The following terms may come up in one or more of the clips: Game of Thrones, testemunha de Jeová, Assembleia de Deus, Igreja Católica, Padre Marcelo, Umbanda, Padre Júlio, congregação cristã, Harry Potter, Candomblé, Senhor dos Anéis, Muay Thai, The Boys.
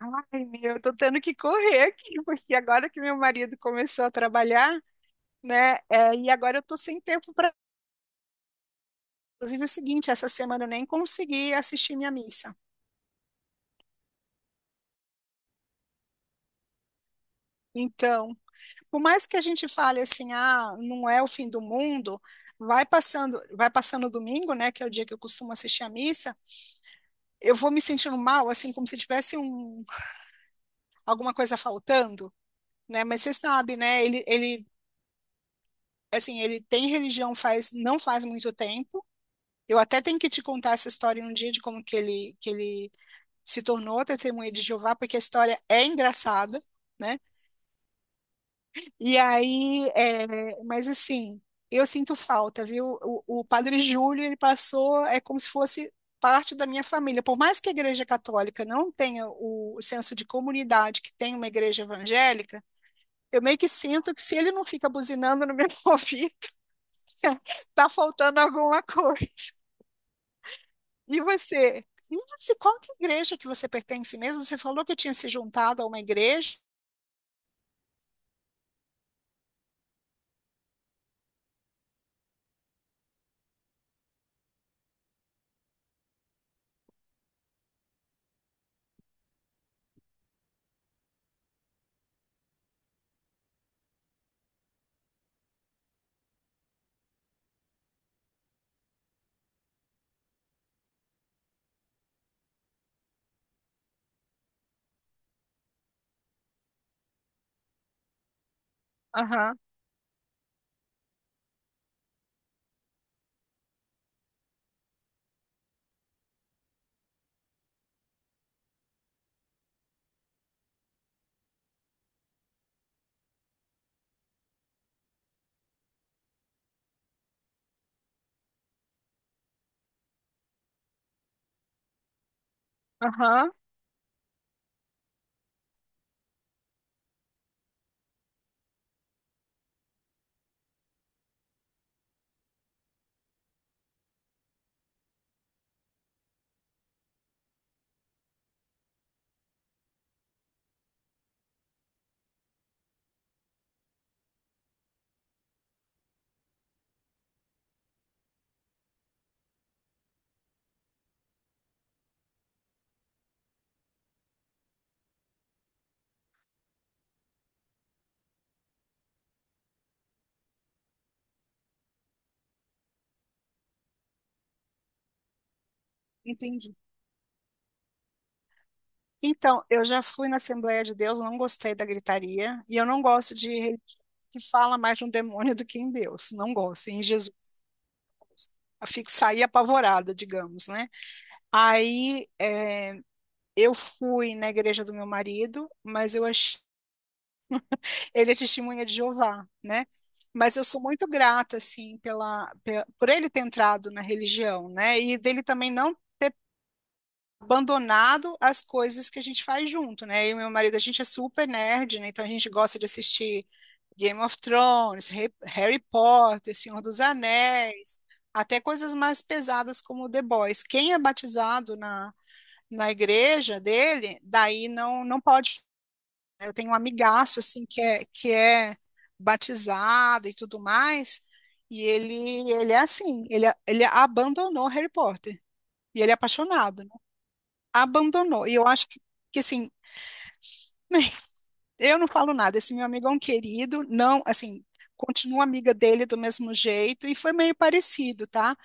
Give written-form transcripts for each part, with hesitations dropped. Ai, meu, eu tô tendo que correr aqui, porque agora que meu marido começou a trabalhar, né? E agora eu tô sem tempo para. Inclusive, é o seguinte, essa semana eu nem consegui assistir minha missa. Então, por mais que a gente fale assim, ah, não é o fim do mundo, vai passando o domingo, né? Que é o dia que eu costumo assistir a missa, eu vou me sentindo mal, assim, como se tivesse alguma coisa faltando, né? Mas você sabe, né? Ele, assim, ele tem religião faz, não faz muito tempo. Eu até tenho que te contar essa história um dia de como que ele se tornou testemunha de Jeová, porque a história é engraçada, né? E aí, mas assim, eu sinto falta, viu? O Padre Júlio, ele passou, é como se fosse parte da minha família. Por mais que a Igreja Católica não tenha o senso de comunidade que tem uma igreja evangélica, eu meio que sinto que se ele não fica buzinando no meu ouvido, tá faltando alguma coisa. E você? Mas e qual que é a igreja que você pertence mesmo? Você falou que tinha se juntado a uma igreja. Aham. Hã? Entendi. Então, eu já fui na Assembleia de Deus, não gostei da gritaria, e eu não gosto de religião que fala mais de um demônio do que em Deus. Não gosto. Em Jesus, eu fico saí apavorada, digamos, né? Aí, eu fui na igreja do meu marido, mas eu achei ele é testemunha de Jeová, né? Mas eu sou muito grata, assim, por ele ter entrado na religião, né? E dele também não ter abandonado as coisas que a gente faz junto, né? Eu e meu marido, a gente é super nerd, né? Então a gente gosta de assistir Game of Thrones, Harry Potter, Senhor dos Anéis, até coisas mais pesadas como The Boys. Quem é batizado na igreja dele, daí não pode. Eu tenho um amigaço, assim, que é batizado e tudo mais, e ele é assim, ele abandonou Harry Potter, e ele é apaixonado, né? Abandonou, e eu acho que assim, eu não falo nada, esse meu amigo é um querido, não, assim, continuo amiga dele do mesmo jeito, e foi meio parecido, tá?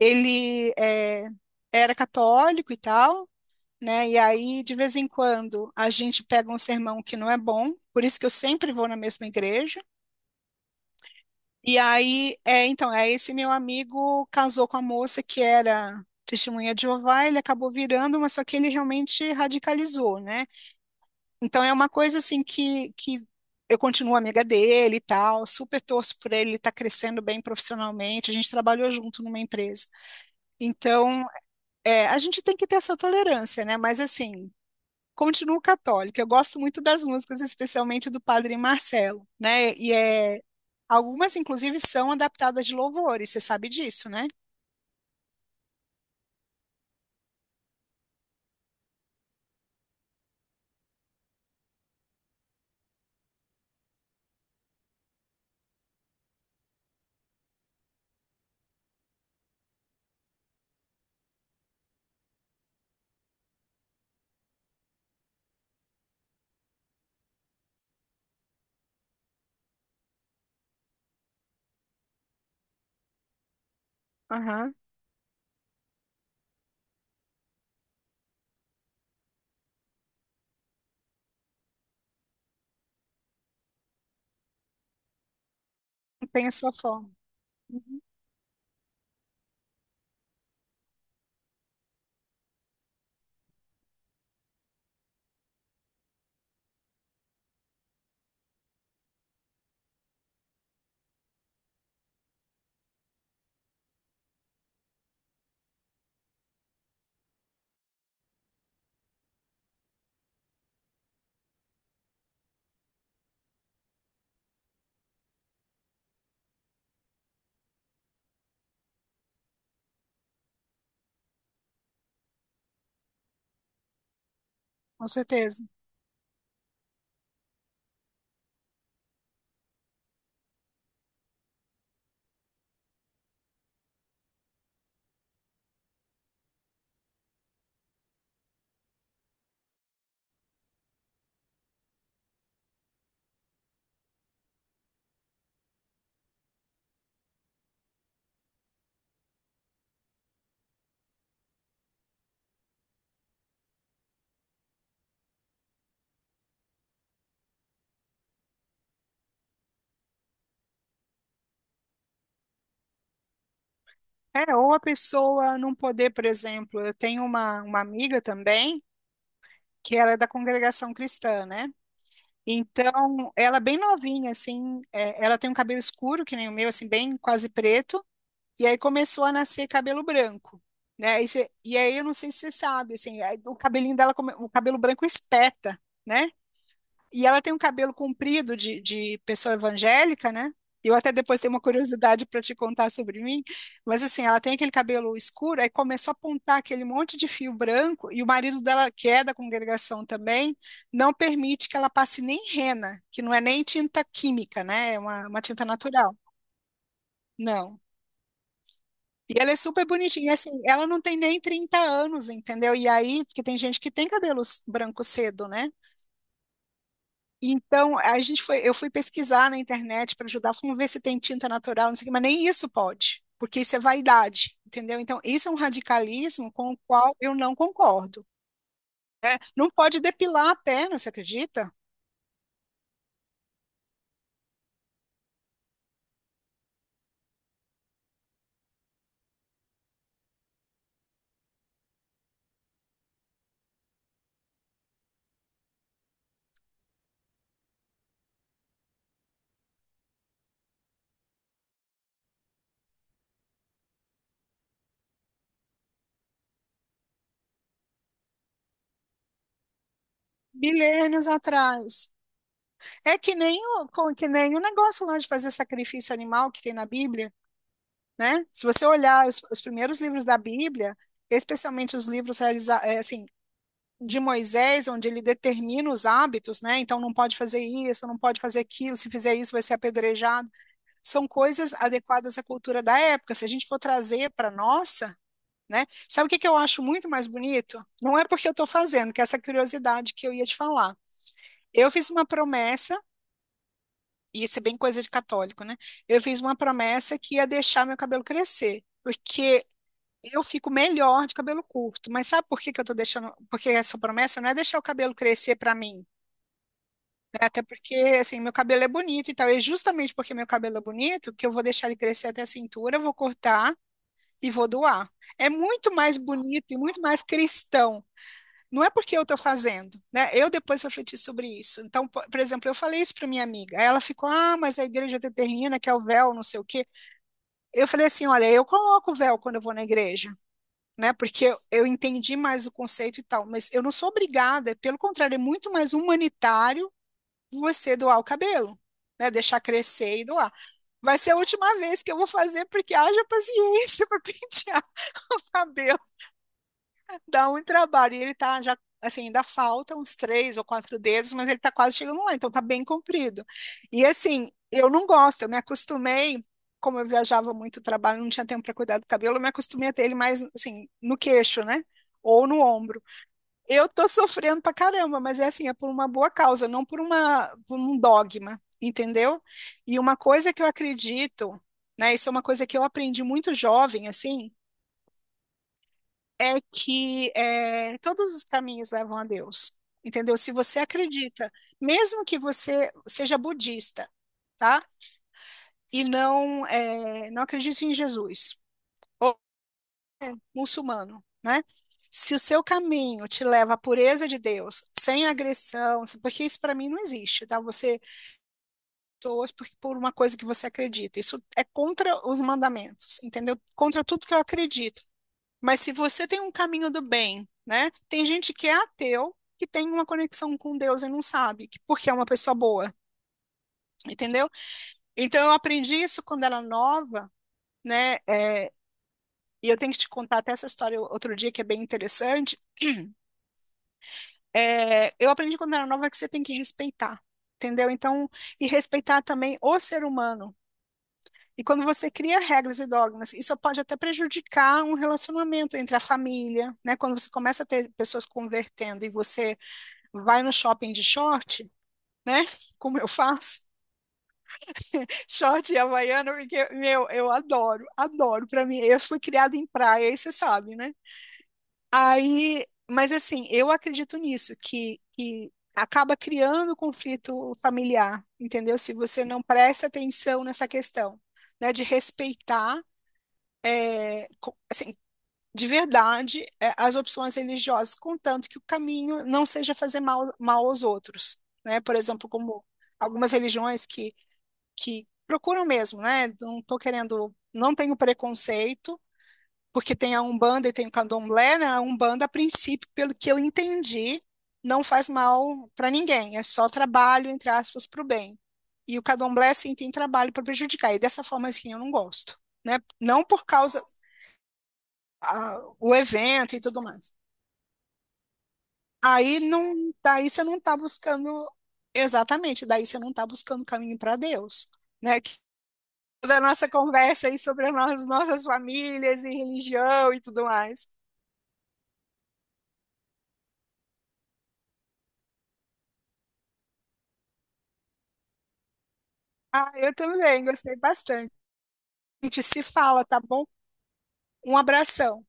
Ele é, era católico e tal, né? E aí, de vez em quando, a gente pega um sermão que não é bom, por isso que eu sempre vou na mesma igreja. E aí, então, esse meu amigo casou com a moça que era testemunha de Jeová, ele acabou virando, mas só que ele realmente radicalizou, né? Então é uma coisa assim que eu continuo amiga dele e tal, super torço por ele, ele está crescendo bem profissionalmente, a gente trabalhou junto numa empresa. Então, a gente tem que ter essa tolerância, né? Mas assim, continuo católica. Eu gosto muito das músicas, especialmente do Padre Marcelo, né? E algumas, inclusive, são adaptadas de louvores, você sabe disso, né? Aham. Tem a sua forma. Uhum. Com certeza. É, ou a pessoa não poder, por exemplo, eu tenho uma amiga também, que ela é da congregação cristã, né? Então, ela é bem novinha, assim, ela tem um cabelo escuro, que nem o meu, assim, bem quase preto. E aí começou a nascer cabelo branco, né? E, e aí eu não sei se você sabe, assim, aí o cabelinho dela, o cabelo branco espeta, né? E ela tem um cabelo comprido de pessoa evangélica, né? Eu até depois tenho uma curiosidade para te contar sobre mim, mas assim, ela tem aquele cabelo escuro, aí começou a apontar aquele monte de fio branco, e o marido dela, que é da congregação também, não permite que ela passe nem henna, que não é nem tinta química, né? É uma tinta natural. Não. E ela é super bonitinha. E assim, ela não tem nem 30 anos, entendeu? E aí, porque tem gente que tem cabelos brancos cedo, né? Então, eu fui pesquisar na internet para ajudar, vamos ver se tem tinta natural, não sei o quê, mas nem isso pode, porque isso é vaidade, entendeu? Então, isso é um radicalismo com o qual eu não concordo. Não pode depilar a perna, você acredita? Milênios atrás. É que nem que nem o negócio lá de fazer sacrifício animal que tem na Bíblia. Né? Se você olhar os primeiros livros da Bíblia, especialmente os livros assim, de Moisés, onde ele determina os hábitos, né? Então não pode fazer isso, não pode fazer aquilo, se fizer isso vai ser apedrejado. São coisas adequadas à cultura da época. Se a gente for trazer para nossa, né? Sabe o que que eu acho muito mais bonito? Não é porque eu estou fazendo, que é essa curiosidade que eu ia te falar. Eu fiz uma promessa, e isso é bem coisa de católico, né? Eu fiz uma promessa que ia deixar meu cabelo crescer, porque eu fico melhor de cabelo curto, mas sabe por que que eu tô deixando? Porque essa promessa não é deixar o cabelo crescer pra mim, né? Até porque, assim, meu cabelo é bonito e tal. É justamente porque meu cabelo é bonito, que eu vou deixar ele crescer até a cintura, vou cortar e vou doar. É muito mais bonito e muito mais cristão. Não é porque eu tô fazendo, né? Eu depois refleti sobre isso. Então, por exemplo, eu falei isso pra minha amiga. Aí ela ficou, ah, mas a igreja determina que é o véu, não sei o quê. Eu falei assim, olha, eu coloco o véu quando eu vou na igreja. Né? Porque eu entendi mais o conceito e tal, mas eu não sou obrigada, pelo contrário, é muito mais humanitário você doar o cabelo, né? Deixar crescer e doar. Vai ser a última vez que eu vou fazer, porque haja paciência para pentear o cabelo. Dá um trabalho. E ele tá já, assim, ainda falta uns três ou quatro dedos, mas ele tá quase chegando lá, então tá bem comprido. E assim, eu não gosto, eu me acostumei, como eu viajava muito trabalho, não tinha tempo para cuidar do cabelo, eu me acostumei a ter ele mais, assim, no queixo, né? Ou no ombro. Eu tô sofrendo pra caramba, mas é assim, é por uma boa causa, não por por um dogma, entendeu? E uma coisa que eu acredito, né? Isso é uma coisa que eu aprendi muito jovem, assim, todos os caminhos levam a Deus, entendeu? Se você acredita, mesmo que você seja budista, tá? Não acredite em Jesus ou muçulmano, né? Se o seu caminho te leva à pureza de Deus, sem agressão, porque isso para mim não existe, tá? Você torce por uma coisa que você acredita. Isso é contra os mandamentos, entendeu? Contra tudo que eu acredito. Mas se você tem um caminho do bem, né? Tem gente que é ateu, que tem uma conexão com Deus e não sabe, porque é uma pessoa boa, entendeu? Então eu aprendi isso quando era nova, né? É, e eu tenho que te contar até essa história outro dia, que é bem interessante. É, eu aprendi quando era nova que você tem que respeitar, entendeu? Então, e respeitar também o ser humano. E quando você cria regras e dogmas, isso pode até prejudicar um relacionamento entre a família, né? Quando você começa a ter pessoas convertendo e você vai no shopping de short, né? Como eu faço, short e havaiana, porque, meu, eu adoro, adoro. Para mim, eu fui criada em praia, aí você sabe, né? Aí, mas assim, eu acredito nisso, que acaba criando conflito familiar, entendeu? Se você não presta atenção nessa questão, né, de respeitar, assim, de verdade é, as opções religiosas, contanto que o caminho não seja fazer mal, mal aos outros, né? Por exemplo, como algumas religiões que procuram mesmo, né? Não estou querendo, não tenho preconceito, porque tem a Umbanda e tem o Candomblé, né? A Umbanda, a princípio, pelo que eu entendi, não faz mal para ninguém, é só trabalho, entre aspas, para o bem. E o Candomblé, sim, tem trabalho para prejudicar, e dessa forma, assim, eu não gosto, né? Não por causa o evento e tudo mais. Aí não, daí você não está buscando exatamente, daí você não está buscando caminho para Deus, né? Que toda a nossa conversa aí sobre as nossas famílias e religião e tudo mais. Ah, eu também gostei bastante. A gente se fala, tá bom? Um abração.